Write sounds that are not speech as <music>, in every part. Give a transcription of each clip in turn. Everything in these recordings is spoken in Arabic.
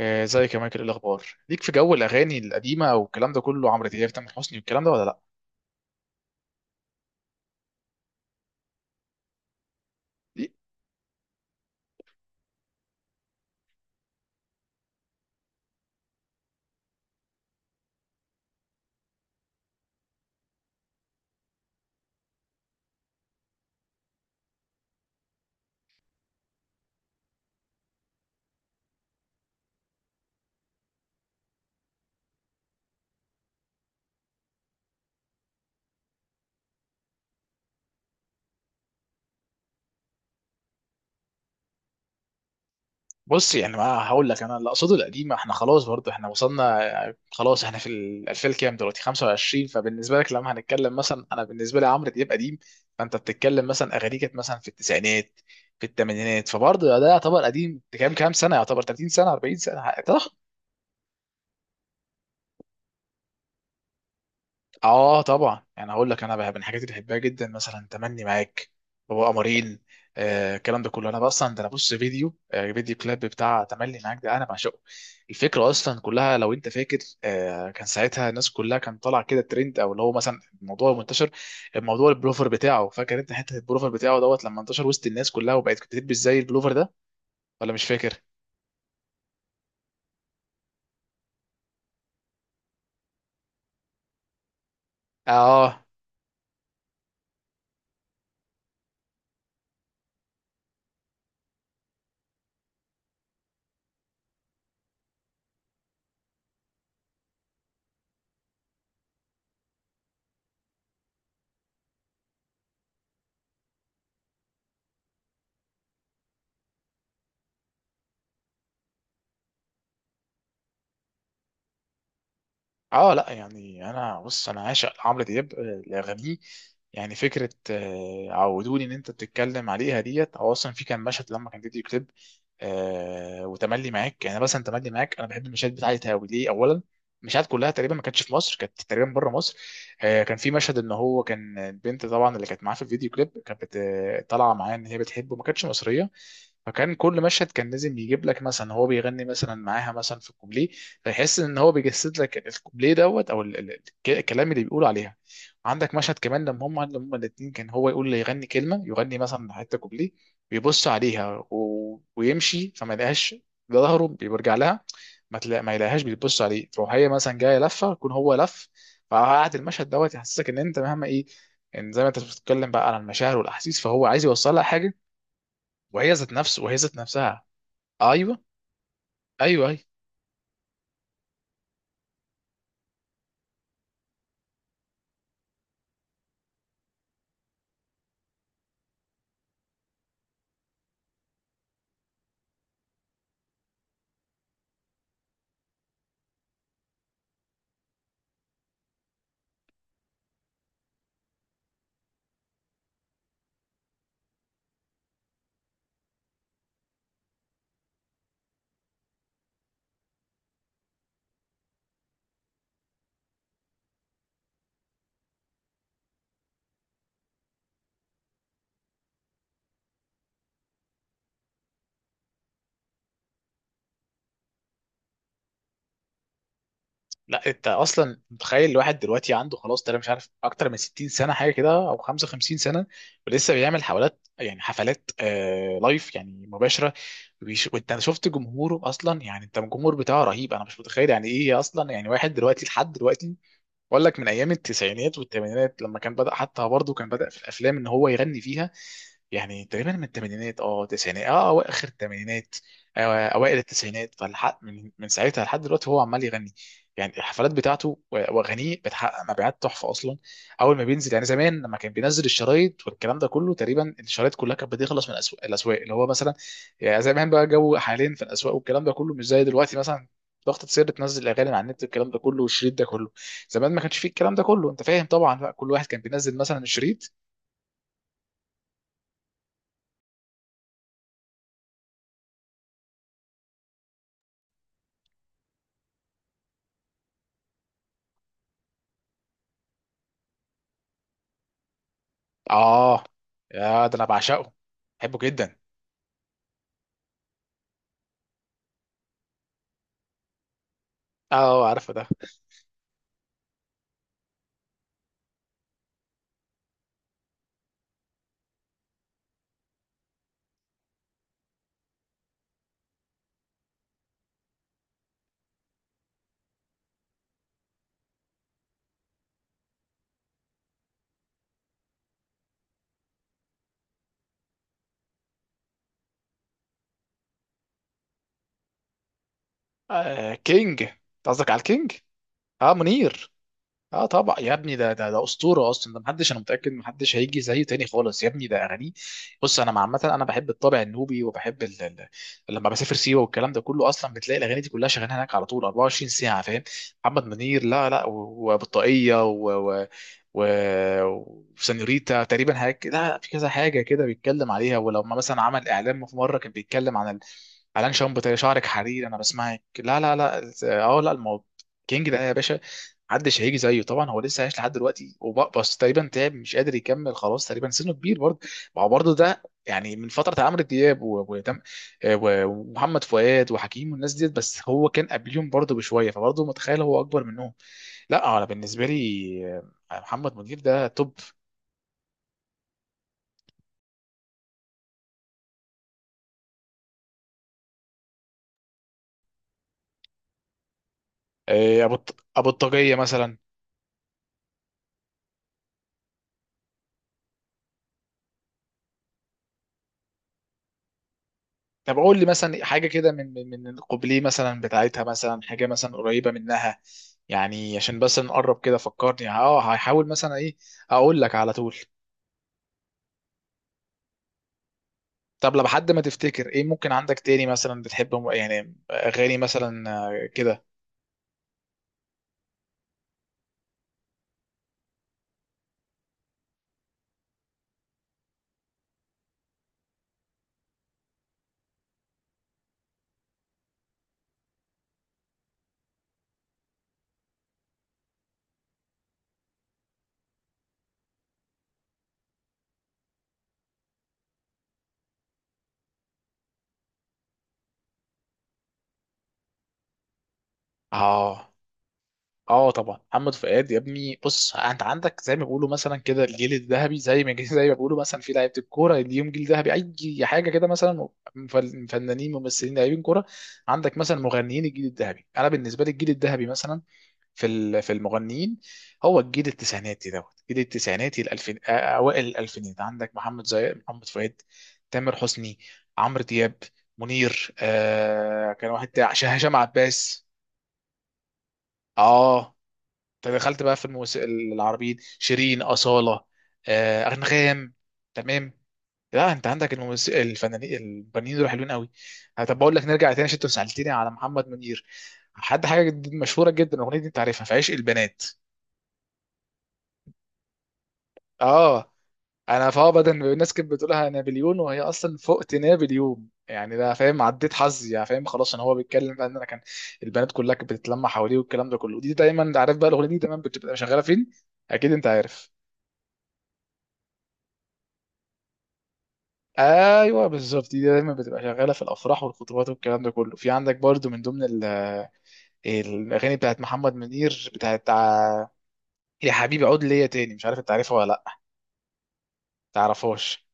ازيك يا مايكل؟ إيه الاخبار ليك في جو الاغاني القديمه والكلام ده كله، عمرو دياب، تامر حسني والكلام ده، ولا لا ليك؟ بص، يعني ما هقول لك، انا اللي اقصده القديمه، احنا خلاص برضه احنا وصلنا. خلاص احنا في ال 2000 كام دلوقتي؟ 25. فبالنسبه لك لما هنتكلم مثلا، انا بالنسبه لي عمرو دياب قديم. فانت بتتكلم مثلا اغانيه كانت مثلا في التسعينات، في الثمانينات، فبرضه ده يعتبر قديم. كام كام سنه؟ يعتبر 30 سنه، 40 سنه. اه طبعا. يعني هقول لك، انا بقى من الحاجات اللي بحبها جدا مثلا تمني معاك، هو قمرين، آه الكلام ده كله. انا بقى اصلا، ده انا بص فيديو فيديو كليب بتاع تملي معاك ده، انا بعشقه. الفكره اصلا كلها لو انت فاكر، آه كان ساعتها الناس كلها، كان طالع كده ترند، او اللي هو مثلا الموضوع منتشر، الموضوع البلوفر بتاعه. فاكر انت حته البلوفر بتاعه دوت لما انتشر وسط الناس كلها وبقت بتلبس زي البلوفر ده ولا مش فاكر؟ اه. اه لا يعني انا بص، انا عاشق لعمرو دياب، لاغانيه. يعني فكره عودوني ان انت بتتكلم عليها ديت، او اصلا في كان مشهد لما كان فيديو كليب، آه وتملي معاك. يعني مثلا تملي معاك انا بحب المشاهد بتاعتها قوي. ليه؟ اولا المشاهد كلها تقريبا ما كانتش في مصر، كانت تقريبا بره مصر. آه كان في مشهد ان هو كان البنت طبعا اللي كانت معاه في الفيديو كليب كانت طالعه معاه، ان هي بتحبه، ما كانتش مصريه. فكان كل مشهد كان لازم يجيب لك مثلا هو بيغني مثلا معاها مثلا في الكوبليه، تحس ان هو بيجسد لك الكوبليه دوت، او الكلام اللي بيقول عليها. عندك مشهد كمان لما هم الاثنين، كان هو يقول لي يغني كلمه، يغني مثلا حته كوبليه، بيبص عليها ويمشي فما يلاقيهاش، ظهره بيرجع لها، ما يلاقيهاش، بتبص عليه، تروح هي مثلا جايه لفه يكون هو لف. فقعد المشهد دوت يحسسك ان انت مهما ايه، ان زي ما انت بتتكلم بقى عن المشاعر والاحاسيس، فهو عايز يوصل لها حاجه، وهي ذات نفسها. ايوه. ايوه أيوه. لا انت اصلا متخيل الواحد دلوقتي عنده خلاص تقريبا، مش عارف، اكتر من 60 سنه حاجه كده، او 55 سنه، ولسه بيعمل حفلات. يعني حفلات آه لايف، يعني مباشره. وانت شفت جمهوره اصلا، يعني انت الجمهور بتاعه رهيب. انا مش متخيل يعني ايه اصلا، يعني واحد دلوقتي لحد دلوقتي. بقول لك، من ايام التسعينات والثمانينات لما كان بدأ، حتى برضه كان بدأ في الافلام ان هو يغني فيها. يعني تقريبا من الثمانينات، اه تسعينات، اه أو اخر الثمانينات، اوائل التسعينات. فالحق من ساعتها لحد دلوقتي هو عمال يغني. يعني الحفلات بتاعته واغانيه بتحقق مبيعات تحفه اصلا. اول ما بينزل، يعني زمان لما كان بينزل الشرايط والكلام ده كله، تقريبا الشرايط كلها كانت بتخلص من الاسواق، الاسواق اللي هو مثلا، يعني زمان بقى جو. حاليا في الاسواق والكلام ده كله مش زي دلوقتي، مثلا ضغطة سر تنزل اغاني على النت والكلام ده كله، والشريط ده كله. زمان ما كانش فيه الكلام ده كله، انت فاهم طبعا بقى. كل واحد كان بينزل مثلا الشريط. اه يا ده انا بعشقه. بحبه جدا. اه عارفه ده. آه كينج، انت قصدك على الكينج؟ اه منير. اه طبعا يا ابني، ده اسطوره اصلا. ده محدش، انا متاكد محدش هيجي زيه تاني خالص يا ابني. ده اغانيه. بص انا عامه انا بحب الطابع النوبي، وبحب لما بسافر سيوه والكلام ده كله، اصلا بتلاقي الاغاني دي كلها شغاله هناك على طول 24 ساعه، فاهم؟ محمد منير، لا لا، وبطاقيه و... وسانيوريتا تقريبا حاجه، لا في كذا حاجه كده بيتكلم عليها. ولو ما مثلا عمل اعلان، في مره كان بيتكلم عن اعلان شامبو، تاني شعرك حرير، انا بسمعك. لا لا لا. اه لا الموضوع. كينج ده يا باشا. محدش هيجي زيه طبعا. هو لسه عايش لحد دلوقتي، بس تقريبا تعب، مش قادر يكمل خلاص، تقريبا سنه كبير برضه. ما هو برضه ده يعني من فتره عمرو دياب ومحمد فؤاد وحكيم والناس ديت، بس هو كان قبليهم برضه بشويه، فبرضه متخيل هو اكبر منهم. لا انا بالنسبه لي محمد منير ده توب. ابو الطاقيه مثلا. طب قول لي مثلا حاجه كده، من القبليه مثلا بتاعتها، مثلا حاجه مثلا قريبه منها، يعني عشان بس نقرب كده. فكرني، اه هحاول مثلا ايه، اقول لك على طول. طب لو حد، ما تفتكر ايه ممكن عندك تاني مثلا بتحب يعني اغاني مثلا كده. اه. اه طبعا محمد فؤاد يا ابني. بص انت عندك زي ما بيقولوا مثلا كده الجيل الذهبي، زي ما <laughs> زي ما بيقولوا مثلا في لعيبه الكوره ليهم جيل ذهبي، اي حاجه كده مثلا. فنانين، ممثلين، لاعبين كوره، عندك مثلا مغنيين. الجيل الذهبي انا بالنسبه لي، الجيل الذهبي مثلا في في المغنيين، هو الجيل التسعيناتي دوت، الجيل التسعيناتي الالفين، اوائل الالفينات. عندك محمد، زي محمد فؤاد، تامر حسني، عمرو دياب، منير، آه كان واحد هشام عباس. اه. فدخلت بقى في الموسيقى العربيين، شيرين، أصالة، أنغام. تمام. لا انت عندك الموسيقى الفنانين، الفنانين دول حلوين قوي. طب بقول لك نرجع تاني عشان انت سألتني على محمد منير، حد حاجه مشهوره جدا، الاغنيه دي انت عارفها، في عشق البنات. اه انا فا، بدل ما الناس كانت بتقولها نابليون وهي اصلا فوقتنا باليوم، يعني ده فاهم، عديت حظي يعني، فاهم، خلاص ان هو بيتكلم بقى ان انا كان البنات كلها كانت بتتلمع حواليه والكلام ده كله. دي دايما انت عارف بقى الاغنيه دي دايما بتبقى شغاله فين، اكيد انت عارف. ايوه بالظبط، دي دايما بتبقى شغاله في الافراح والخطوبات والكلام ده كله. في عندك برضو من ضمن الاغاني بتاعت محمد منير، يا حبيبي عود ليا تاني، مش عارف انت عارفها ولا لا تعرفهاش.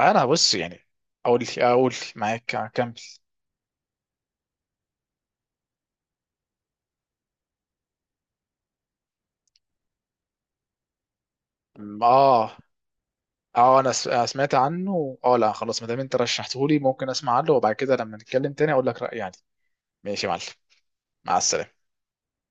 انا بص يعني، اقول معاك، اكمل. اه. اه انا أنا سمعت عنه، اه لا خلاص ما دام انت رشحتهولي ممكن اسمع عنه، وبعد كده لما نتكلم تاني اقول لك رايي يعني. ماشي يا معلم. مع السلامه.